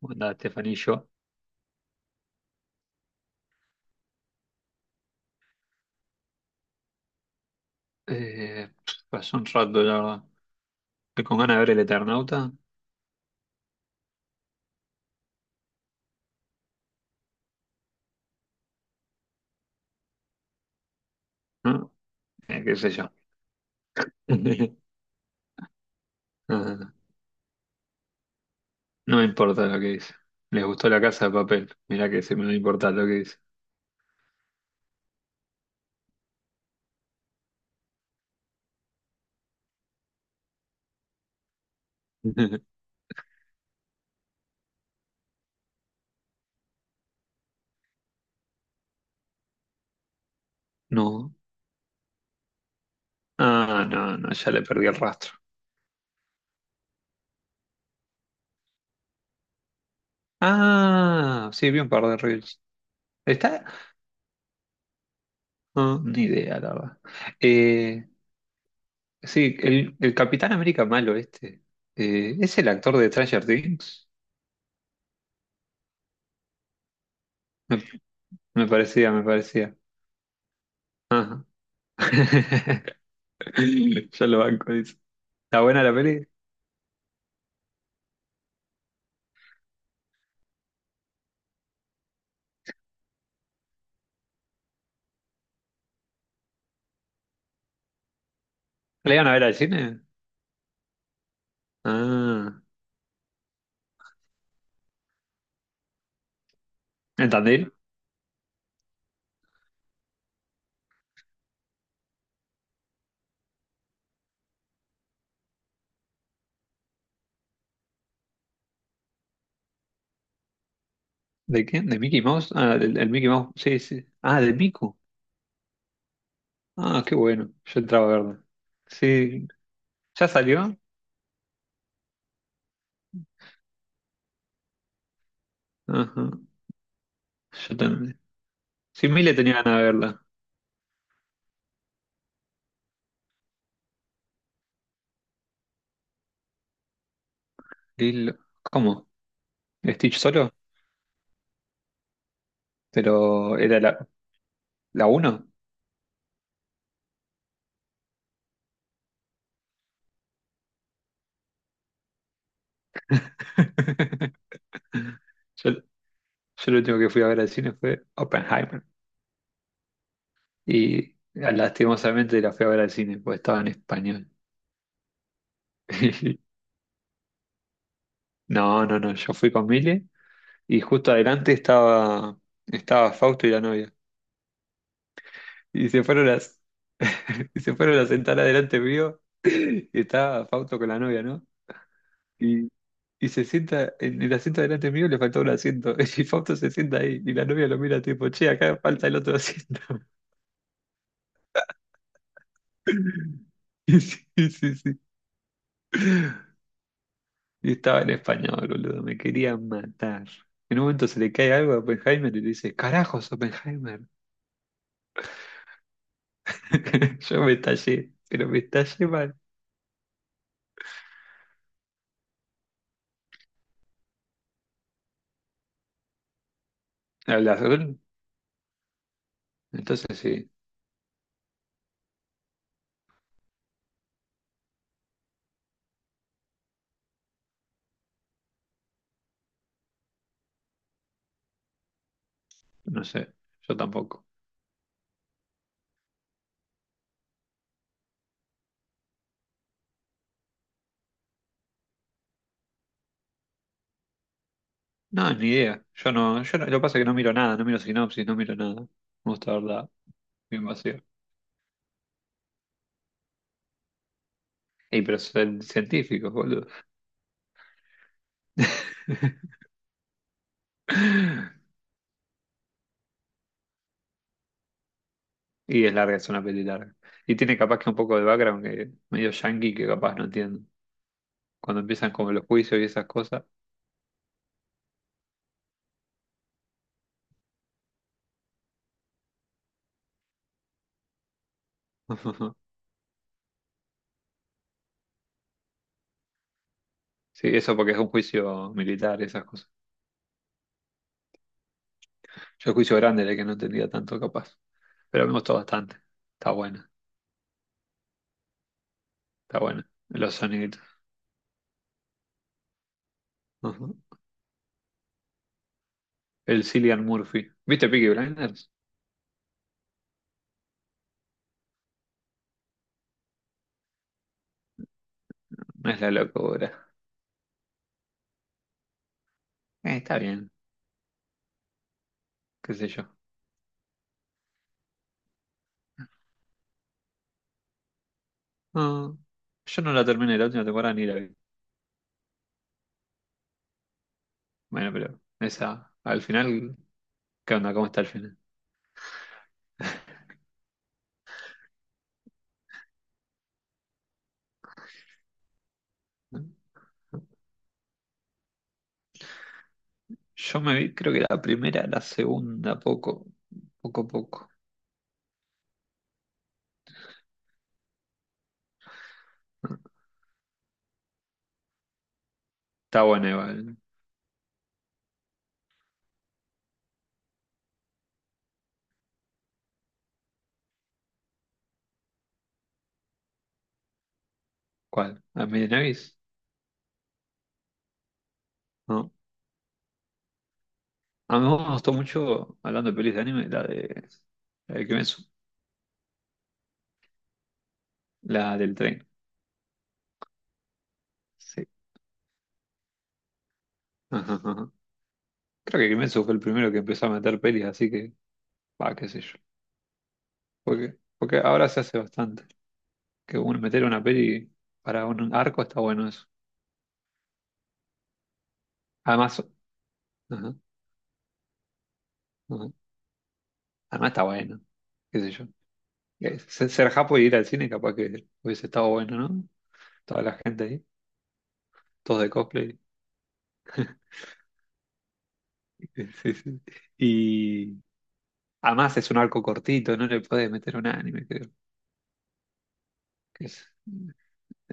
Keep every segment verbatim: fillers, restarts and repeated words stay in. Bueno, Estefanía. Eh, Pasó un rato, la verdad. Estoy con ganas de ver el Eternauta, ¿no? Eh, qué sé yo. Ah, no, no me importa lo que dice. Les gustó La Casa de Papel. Mirá que se me no importa lo que dice. No. Ah, no, no, ya le perdí el rastro. Ah, sí, vi un par de reels. ¿Está? No, ni idea, la verdad. Eh, sí, el, el Capitán América malo este. Eh, ¿es el actor de Stranger Things? Me, me parecía, me parecía. Ajá. Yo lo banco, dice. ¿Está buena la peli? ¿La iban a ver al cine? Ah, ¿entendí? ¿De quién? ¿De Mickey Mouse? Ah, del, del Mickey Mouse, sí, sí. Ah, de Miku. Ah, qué bueno. Yo entraba a verla. Sí, ¿ya salió? Ajá, yo también. Sí, Mile tenía ganas de verla. Lilo- ¿Cómo? ¿Stitch solo? Pero era la, la uno. Yo, yo lo último que fui a ver al cine fue Oppenheimer. Y lastimosamente la fui a ver al cine, porque estaba en español. No, no, no, yo fui con Mile y justo adelante estaba, estaba Fausto y la novia. Y se fueron las, y se fueron a sentar adelante mío y estaba Fausto con la novia, ¿no? Y, y se sienta en el asiento adelante mío, le faltó un asiento. Y Fausto se sienta ahí y la novia lo mira tipo, che, acá falta el otro asiento. Sí, sí, sí. Y estaba en español, boludo, me querían matar. En un momento se le cae algo a Oppenheimer y le dice, carajos, Oppenheimer. Yo me estallé, pero me estallé mal. ¿Hablas él? Entonces sí, no sé, yo tampoco. No, ni idea. Yo no, yo no- Lo que pasa es que no miro nada, no miro sinopsis, no miro nada. Me gusta verla bien vacío. Ey, pero son científicos, boludo. Y es larga, es una peli larga. Y tiene capaz que un poco de background que medio yankee que capaz no entiendo. Cuando empiezan como los juicios y esas cosas. Ujú. Sí, eso porque es un juicio militar y esas cosas. Yo el juicio grande era el que no entendía tanto capaz, pero me gustó bastante. Está buena, está buena. Los soniditos. Ujú. El Cillian Murphy. ¿Viste Peaky Blinders? No es la locura. Eh, está bien, qué sé yo. No, yo no la terminé la última temporada ni la vi. Bueno, pero esa, al final, ¿qué onda? ¿Cómo está el final? ¿No? Yo me vi, creo que la primera, la segunda, poco, poco, poco. Está buena igual. ¿Cuál? ¿A Davis? No. A mí me gustó mucho, hablando de pelis de anime, la de, la de Kimetsu, la del tren. Sí. Ajá, ajá. Creo que Kimetsu fue el primero que empezó a meter pelis, así que, va, qué sé yo. Porque, porque ahora se hace bastante. Que uno meter una peli para un arco está bueno eso. Además, ajá, ajá. Además está bueno, qué sé yo. Eh, Ser, ser japo y ir al cine capaz que hubiese estado bueno, ¿no? Toda la gente ahí, todos de cosplay. Sí, sí. Y además es un arco cortito, no le puedes meter un anime. que es-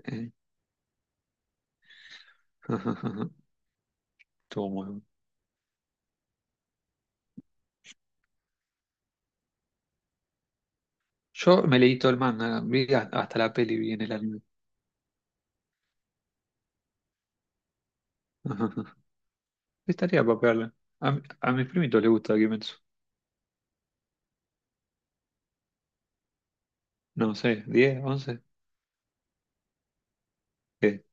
eh, ajá, ajá. Estuvo muy bueno. Yo me leí todo el manga, vi a- hasta la peli, vi en el anime. Ajá, ajá. Estaría para pegarla. A, mi- a mis primitos les gusta Kimetsu. No sé, diez once. ¿Qué?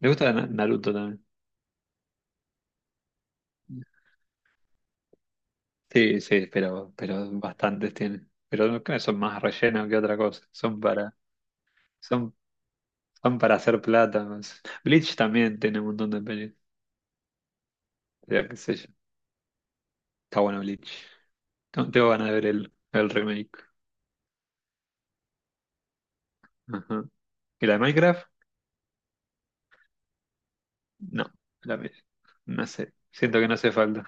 Le gusta Na- Naruto también. Sí, sí, pero, pero bastantes tienen. Pero no creo que no son más rellenos que otra cosa. Son para, son, son para hacer plata. Más. Bleach también tiene un montón de pelis. Ya qué sé yo. Está bueno Bleach. No, tengo ganas de ver el, el remake. Ajá. ¿Y la de Minecraft? No, la vez. No sé. Siento que no hace falta.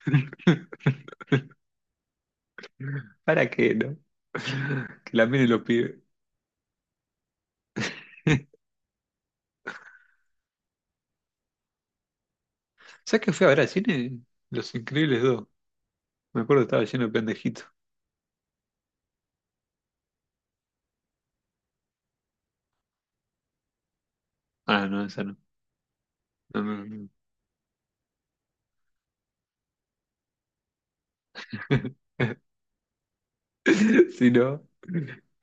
¿Para qué, no? Que la miren los pibes. ¿Sabes qué fui a ver al cine? ¿Los Increíbles dos? Me acuerdo que estaba lleno de pendejitos. Ah, no, esa no. No, no, no. Si no.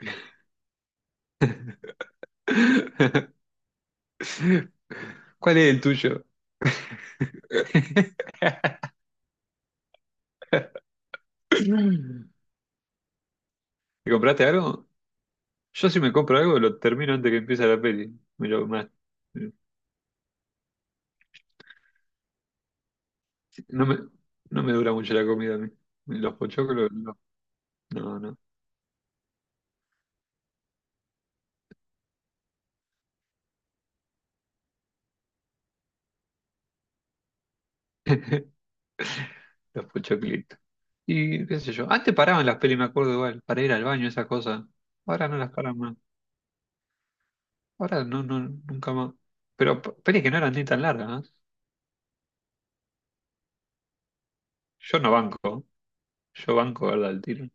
¿Cuál es el tuyo? ¿Te compraste algo? Yo si me compro algo lo termino antes que empiece la peli. Me lo- más- no me, no me dura mucho la comida a mí. Los pochoclos, no, no, no. Los pochoclitos. Y qué sé yo. Antes paraban las pelis, me acuerdo igual, para ir al baño, esas cosas. Ahora no las paran más. Ahora no, no, nunca más. Pero p- pelis que no eran ni tan largas, ¿eh? Yo no banco. Yo banco, ¿verdad? Al tiro.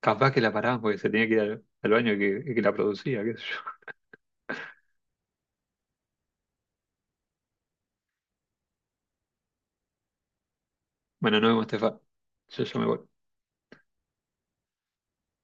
Capaz que la paraban porque se tenía que ir al, al baño que, que la producía, qué sé yo. Bueno, nos vemos, Estefa. Yo, yo me voy.